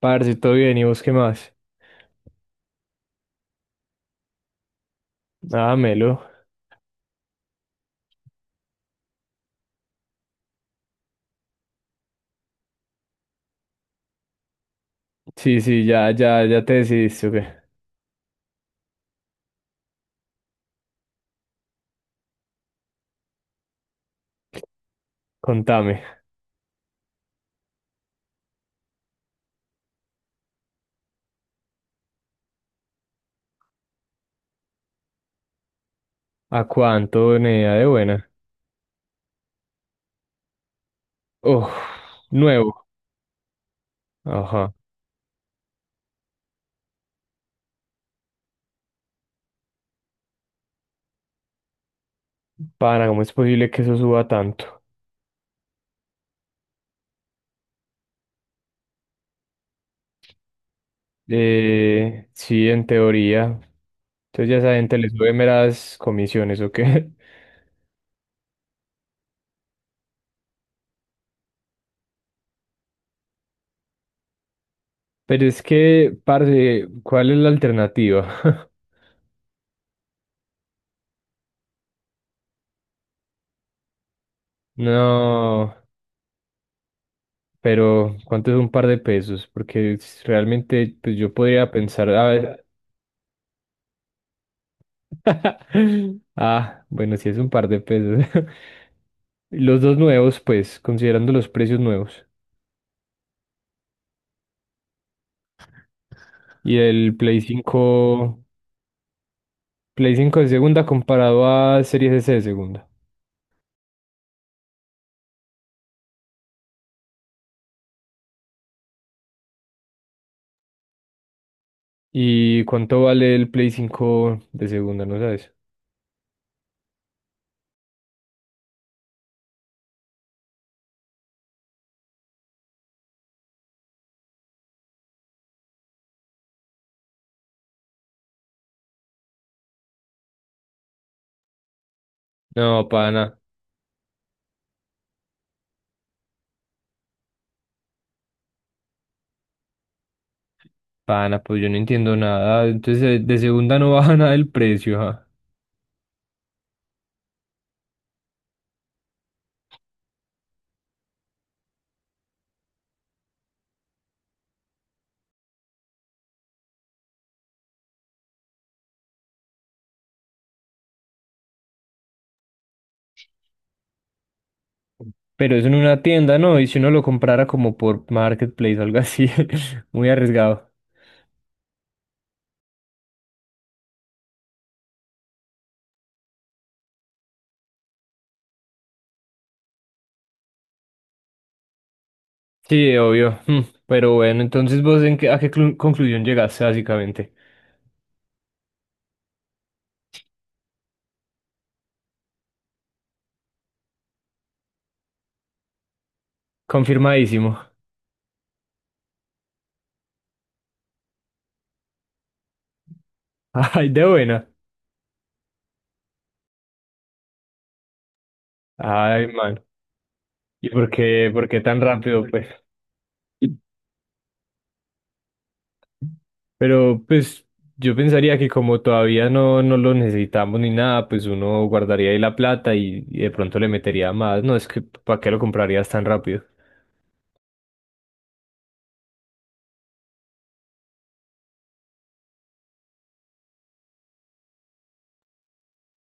Parce, todo bien, ¿y vos qué más? Ah, Melo. Sí, sí, ya, te decidiste, ¿o qué? Contame, ¿a cuánto venía de buena? Oh, nuevo. Ajá. Pana, ¿cómo es posible que eso suba tanto? Sí, en teoría. Entonces ya esa gente les sube meras comisiones, ¿o qué? Pero es que, parce, ¿cuál es la alternativa? No, pero ¿cuánto es un par de pesos? Porque realmente pues yo podría pensar a ver. Ah, bueno, sí es un par de pesos. Los dos nuevos, pues, considerando los precios nuevos. Y el Play 5 de segunda comparado a Series S de segunda. ¿Y cuánto vale el Play cinco de segunda? ¿No sabes? No, pana, pana, pues yo no entiendo nada. Entonces, de segunda no baja nada el precio, ajá. Pero eso en una tienda, ¿no? Y si uno lo comprara como por Marketplace o algo así, muy arriesgado. Sí, obvio. Mm. Pero bueno, entonces vos en qué- a qué conclusión llegaste básicamente. Confirmadísimo. Ay, de buena. Ay, man. ¿Y por qué tan rápido, pues? Pero pues yo pensaría que como todavía no lo necesitamos ni nada, pues uno guardaría ahí la plata y de pronto le metería más. No, es que ¿para qué lo comprarías tan rápido?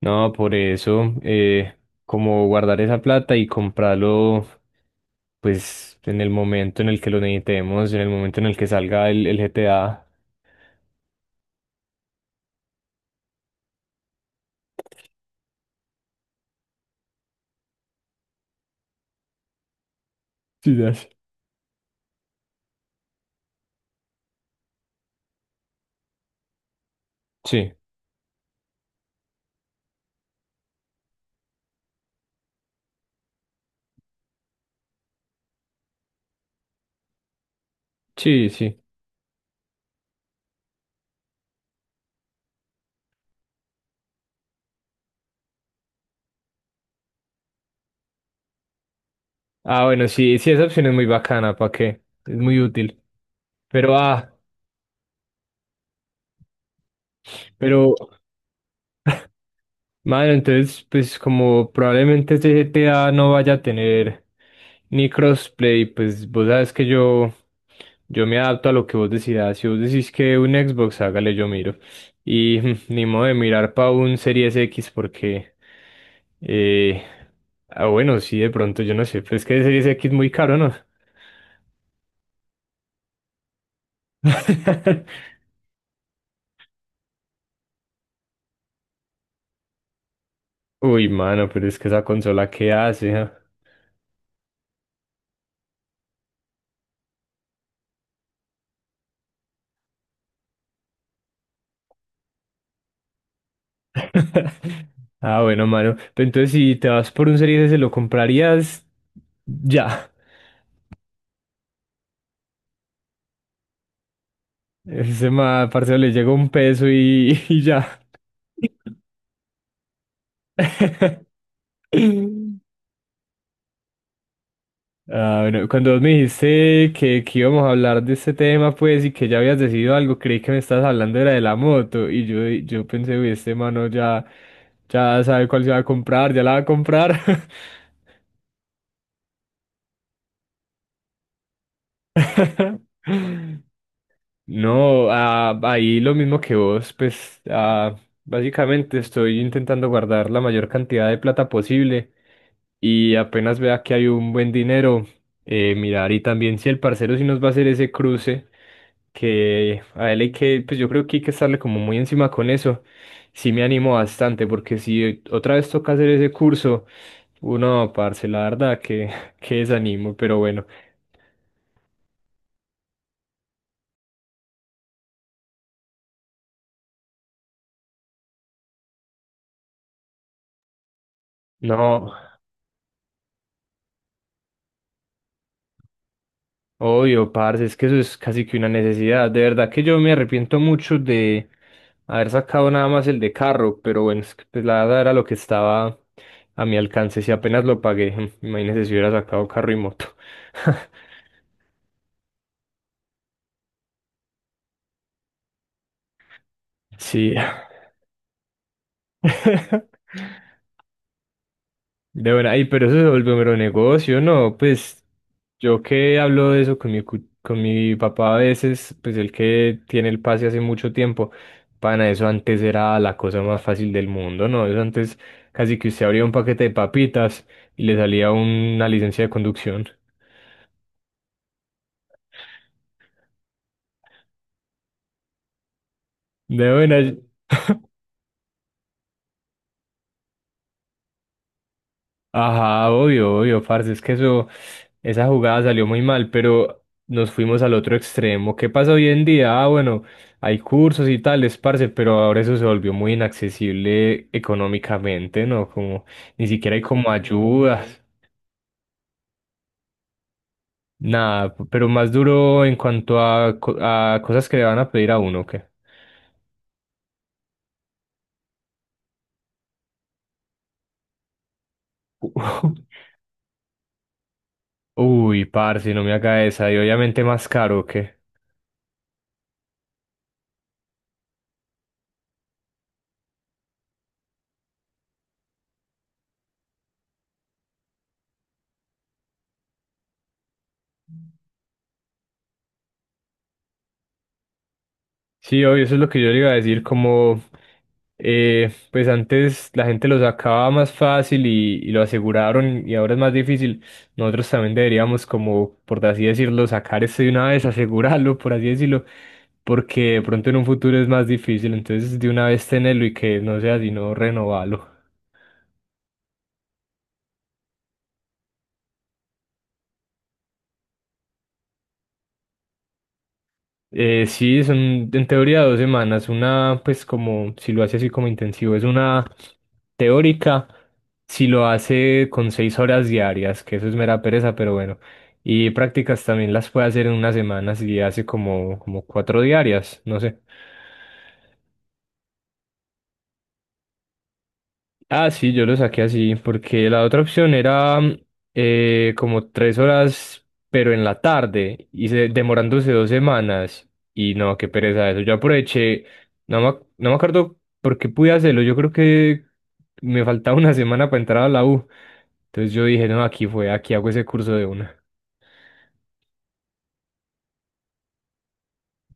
No, por eso, como guardar esa plata y comprarlo, pues en el momento en el que lo necesitemos, en el momento en el que salga el GTA. Sí, das. Sí, sí, sí. Ah, bueno, sí, sí, esa opción es muy bacana, ¿para qué? Es muy útil. Pero, ah, pero, Mano, entonces, pues como probablemente este GTA no vaya a tener ni crossplay, pues vos sabes que yo me adapto a lo que vos decidas. Si vos decís que un Xbox, hágale, yo miro. Y ni modo de mirar para un Series X porque, eh, ah, bueno, sí, de pronto, yo no sé, pero es que el Series X es muy caro, ¿no? Uy, mano, pero es que esa consola, ¿qué hace? ¿ah? Ah, bueno, mano. Pero entonces, si te vas por un serie ese, lo comprarías ya. Ese ma, parcero, le llega un peso y, y ya. Ah, bueno, cuando vos me dijiste que íbamos a hablar de este tema, pues, y que ya habías decidido algo, creí que me estabas hablando era de la moto. Y yo pensé, uy, este mano ya, ya sabe cuál se va a comprar, ya la va a comprar. No, ah, ahí lo mismo que vos, pues ah, básicamente estoy intentando guardar la mayor cantidad de plata posible y apenas vea que hay un buen dinero, mirar y también si el parcero sí nos va a hacer ese cruce, que a él hay que, pues yo creo que hay que estarle como muy encima con eso, sí me animo bastante porque si otra vez toca hacer ese curso, uno, parce, la verdad que, que desanimo, pero bueno. No. Obvio, parce, es que eso es casi que una necesidad. De verdad que yo me arrepiento mucho de haber sacado nada más el de carro, pero bueno, es que, pues, la verdad era lo que estaba a mi alcance. Si apenas lo pagué, imagínese si hubiera sacado carro y moto. Sí. De verdad, ay, pero eso se volvió mero negocio, ¿no? Pues yo que hablo de eso con con mi papá a veces, pues el que tiene el pase hace mucho tiempo, pana, eso antes era la cosa más fácil del mundo, ¿no? Eso antes casi que usted abría un paquete de papitas y le salía una licencia de conducción. De buena. Ajá, obvio, obvio, parce, es que eso, esa jugada salió muy mal, pero nos fuimos al otro extremo. ¿Qué pasa hoy en día? Ah, bueno, hay cursos y tales, parce, pero ahora eso se volvió muy inaccesible económicamente, ¿no? Como ni siquiera hay como ayudas, nada, pero más duro en cuanto a, a cosas que le van a pedir a uno, ¿o qué? Uy, parce, no me haga esa, y obviamente más caro, ¿o qué? Sí, obvio, eso es lo que yo le iba a decir, como pues antes la gente lo sacaba más fácil y lo aseguraron y ahora es más difícil. Nosotros también deberíamos como, por así decirlo, sacar esto de una vez, asegurarlo, por así decirlo, porque de pronto en un futuro es más difícil, entonces de una vez tenerlo y que no sea sino renovarlo. Sí, son en teoría 2 semanas. Una, pues como si lo hace así como intensivo, es una teórica. Si lo hace con 6 horas diarias, que eso es mera pereza, pero bueno. Y prácticas también las puede hacer en una semana si hace como, como cuatro diarias, no sé. Ah, sí, yo lo saqué así, porque la otra opción era mm, como 3 horas, pero en la tarde, y demorándose 2 semanas. Y no, qué pereza eso. Yo aproveché, no me acuerdo por qué pude hacerlo. Yo creo que me faltaba una semana para entrar a la U. Entonces yo dije, no, aquí hago ese curso de una.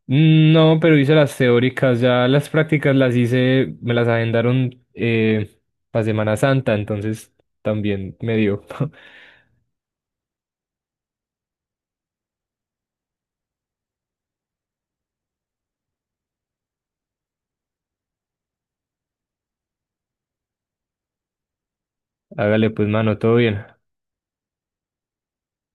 No, pero hice las teóricas, ya las prácticas las hice, me las agendaron para Semana Santa, entonces también me dio. Hágale pues, mano, todo bien.